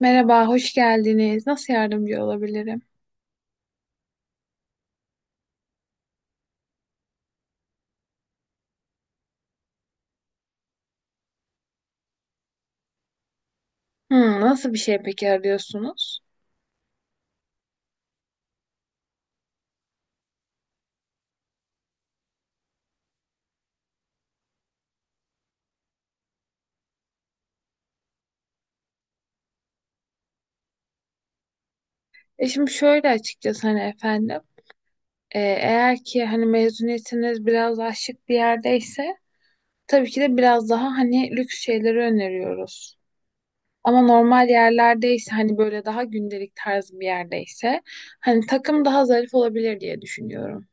Merhaba, hoş geldiniz. Nasıl yardımcı olabilirim? Hmm, nasıl bir şey peki arıyorsunuz? Şimdi şöyle açıkçası hani efendim, eğer ki hani mezuniyetiniz biraz daha şık bir yerdeyse tabii ki de biraz daha hani lüks şeyleri öneriyoruz. Ama normal yerlerdeyse hani böyle daha gündelik tarzı bir yerdeyse hani takım daha zarif olabilir diye düşünüyorum.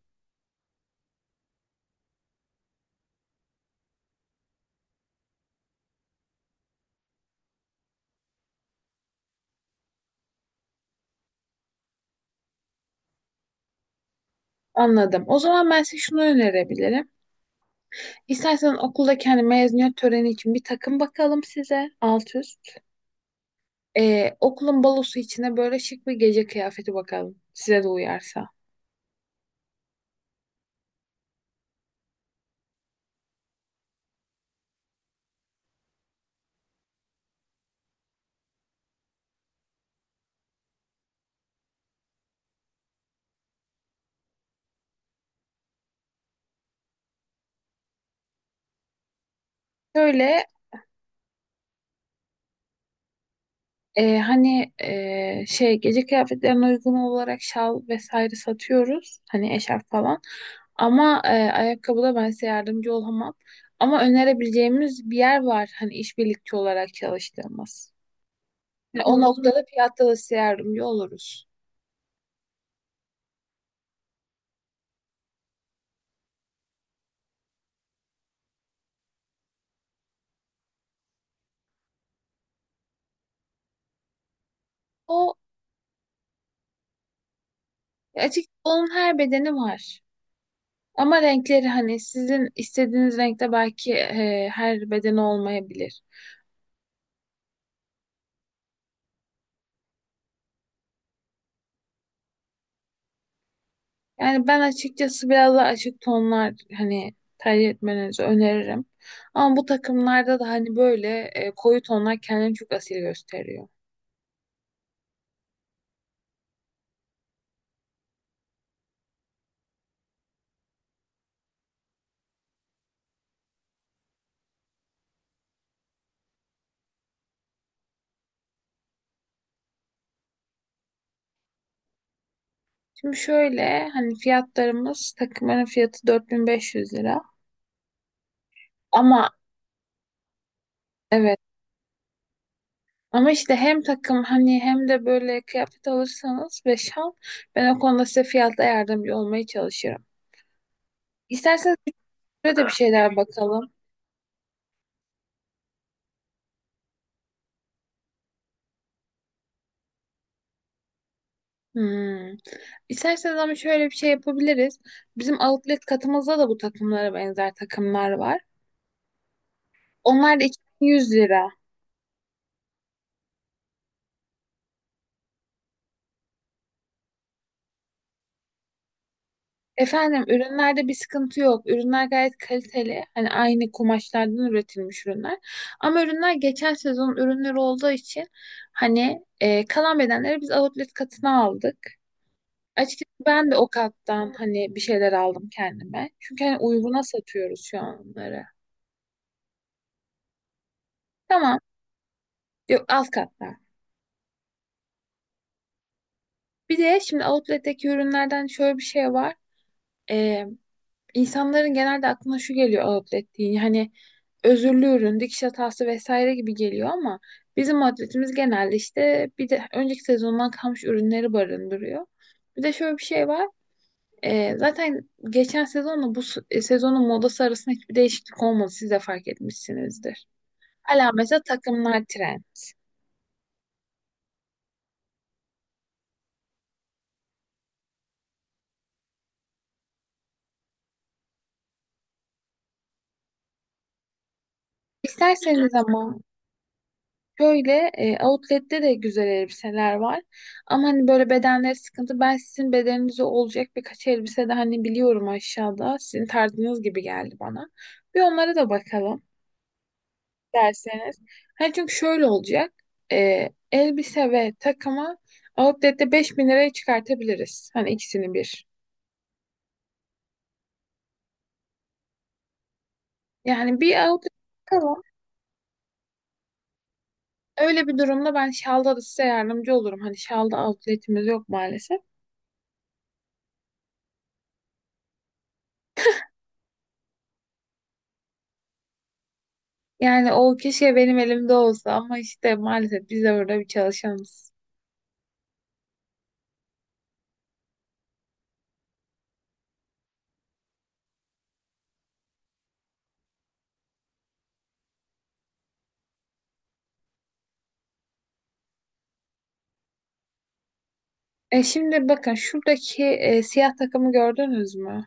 Anladım. O zaman ben size şunu önerebilirim. İstersen okuldaki hani mezuniyet töreni için bir takım bakalım size alt üst. Okulun balosu içine böyle şık bir gece kıyafeti bakalım. Size de uyarsa. Şöyle hani şey gece kıyafetlerine uygun olarak şal vesaire satıyoruz. Hani eşarp falan. Ama ayakkabıda ben size yardımcı olamam. Ama önerebileceğimiz bir yer var. Hani işbirlikçi olarak çalıştığımız. Hı. Yani o noktada fiyatta da size yardımcı oluruz. O açık onun her bedeni var. Ama renkleri hani sizin istediğiniz renkte belki her beden olmayabilir. Yani ben açıkçası biraz daha açık tonlar hani tercih etmenizi öneririm. Ama bu takımlarda da hani böyle koyu tonlar kendini çok asil gösteriyor. Şimdi şöyle hani fiyatlarımız takımların fiyatı 4500 lira. Ama evet, ama işte hem takım hani hem de böyle kıyafet alırsanız ve şal ben o konuda size fiyatta yardımcı olmaya çalışırım. İsterseniz şöyle de bir şeyler bakalım. Hmm. İsterseniz ama şöyle bir şey yapabiliriz. Bizim outlet katımızda da bu takımlara benzer takımlar var. Onlar da 2100 lira. Efendim ürünlerde bir sıkıntı yok. Ürünler gayet kaliteli. Hani aynı kumaşlardan üretilmiş ürünler. Ama ürünler geçen sezon ürünleri olduğu için hani kalan bedenleri biz outlet katına aldık. Açıkçası ben de o kattan hani bir şeyler aldım kendime. Çünkü hani uyguna satıyoruz şu an onları. Tamam. Yok alt kattan. Bir de şimdi outlet'teki ürünlerden şöyle bir şey var. İnsanların genelde aklına şu geliyor outlet deyince hani özürlü ürün, dikiş hatası vesaire gibi geliyor ama bizim outletimiz genelde işte bir de önceki sezondan kalmış ürünleri barındırıyor. Bir de şöyle bir şey var. Zaten geçen sezonla bu sezonun modası arasında hiçbir değişiklik olmadı. Siz de fark etmişsinizdir. Hala mesela takımlar trend. İsterseniz ama. Şöyle outlet'te de güzel elbiseler var. Ama hani böyle bedenleri sıkıntı. Ben sizin bedeninize olacak birkaç elbise de hani biliyorum aşağıda. Sizin tarzınız gibi geldi bana. Bir onlara da bakalım derseniz. Hani çünkü şöyle olacak. Elbise ve takımı outlet'te 5000 liraya çıkartabiliriz. Hani ikisini bir. Yani bir outlet bakalım. Öyle bir durumda ben şalda da size yardımcı olurum. Hani şalda outlet'imiz yok maalesef. Yani o keşke benim elimde olsa ama işte maalesef biz de burada bir çalışanız. Şimdi bakın şuradaki siyah takımı gördünüz mü?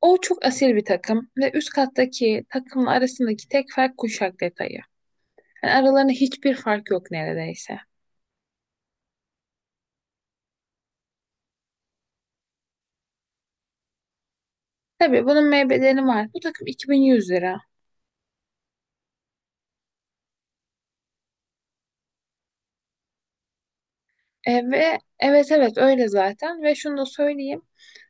O çok asil bir takım ve üst kattaki takımla arasındaki tek fark kuşak detayı. Yani aralarında hiçbir fark yok neredeyse. Tabii bunun meybeleri var. Bu takım 2100 lira. Ve evet, evet öyle zaten ve şunu da söyleyeyim.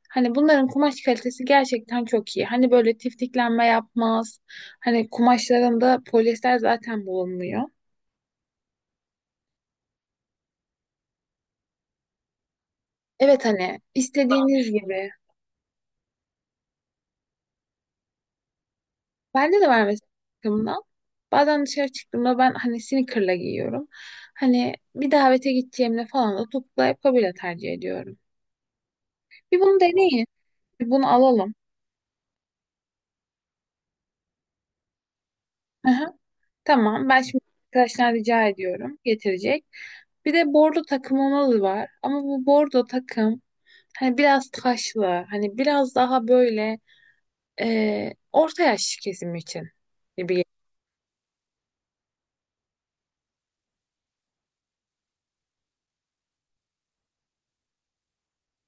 Hani bunların kumaş kalitesi gerçekten çok iyi. Hani böyle tiftiklenme yapmaz. Hani kumaşlarında polyester zaten bulunmuyor. Evet hani istediğiniz gibi. Bende de var mesela takımdan. Bazen dışarı çıktığımda ben hani sneaker'la giyiyorum. Hani bir davete gideceğimde falan da topuklu ayakkabıyla tercih ediyorum. Bir bunu deneyin. Bir bunu alalım. Tamam ben şimdi arkadaşlar rica ediyorum getirecek. Bir de bordo takım onalı var ama bu bordo takım hani biraz taşlı hani biraz daha böyle orta yaş kesim için gibi.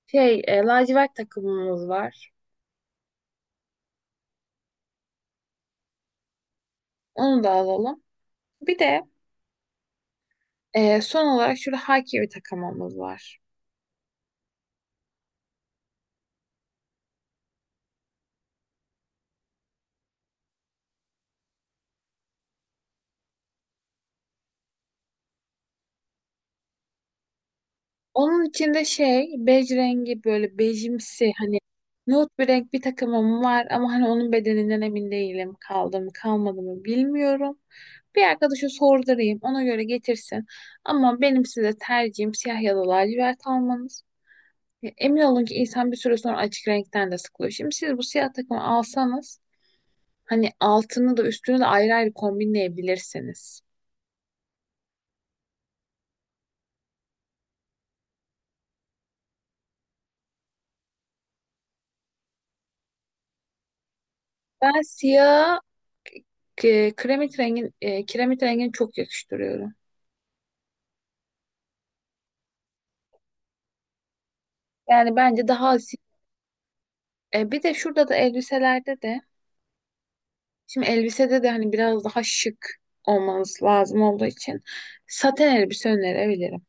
Lacivert takımımız var onu da alalım. Bir de son olarak şurada haki bir takımımız var. Onun içinde şey bej rengi böyle bejimsi hani nude bir renk bir takımım var ama hani onun bedeninden emin değilim. Kaldı mı kalmadı mı bilmiyorum. Bir arkadaşa sordurayım ona göre getirsin. Ama benim size tercihim siyah ya da lacivert almanız. Ya, emin olun ki insan bir süre sonra açık renkten de sıkılıyor. Şimdi siz bu siyah takımı alsanız hani altını da üstünü de ayrı ayrı kombinleyebilirsiniz. Ben siyah kiremit rengini çok yakıştırıyorum. Yani bence daha asil. Bir de şurada da elbiselerde de şimdi elbisede de hani biraz daha şık olmanız lazım olduğu için saten elbise önerebilirim.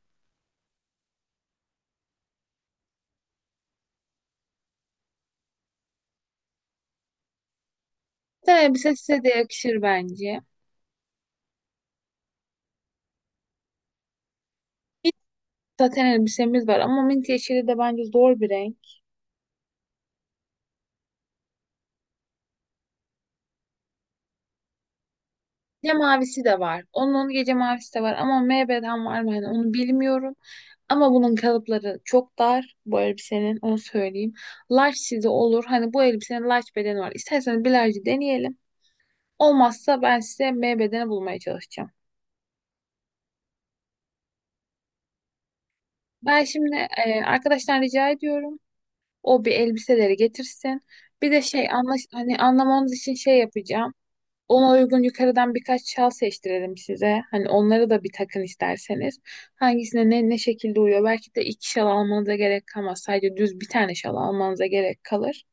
Saten elbise size de yakışır bence. Mint saten elbisemiz var ama mint yeşili de bence zor bir renk. Gece mavisi de var. Onun gece mavisi de var ama MB'den var mı hani onu bilmiyorum. Ama bunun kalıpları çok dar bu elbisenin onu söyleyeyim. Large size olur. Hani bu elbisenin large bedeni var. İsterseniz bir large'ı deneyelim. Olmazsa ben size M bedeni bulmaya çalışacağım. Ben şimdi arkadaşlar rica ediyorum. O bir elbiseleri getirsin. Bir de şey anlaş hani anlamanız için şey yapacağım. Ona uygun yukarıdan birkaç şal seçtirelim size. Hani onları da bir takın isterseniz. Hangisine ne şekilde uyuyor? Belki de iki şal almanıza gerek kalmaz. Sadece düz bir tane şal almanıza gerek kalır.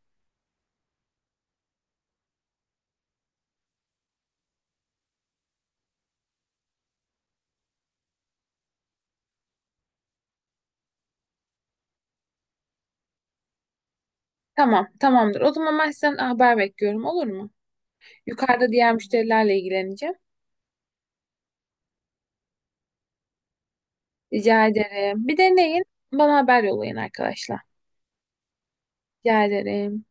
Tamam, tamamdır. O zaman ben sizden haber bekliyorum, olur mu? Yukarıda diğer müşterilerle ilgileneceğim. Rica ederim. Bir deneyin. Bana haber yollayın arkadaşlar. Rica ederim.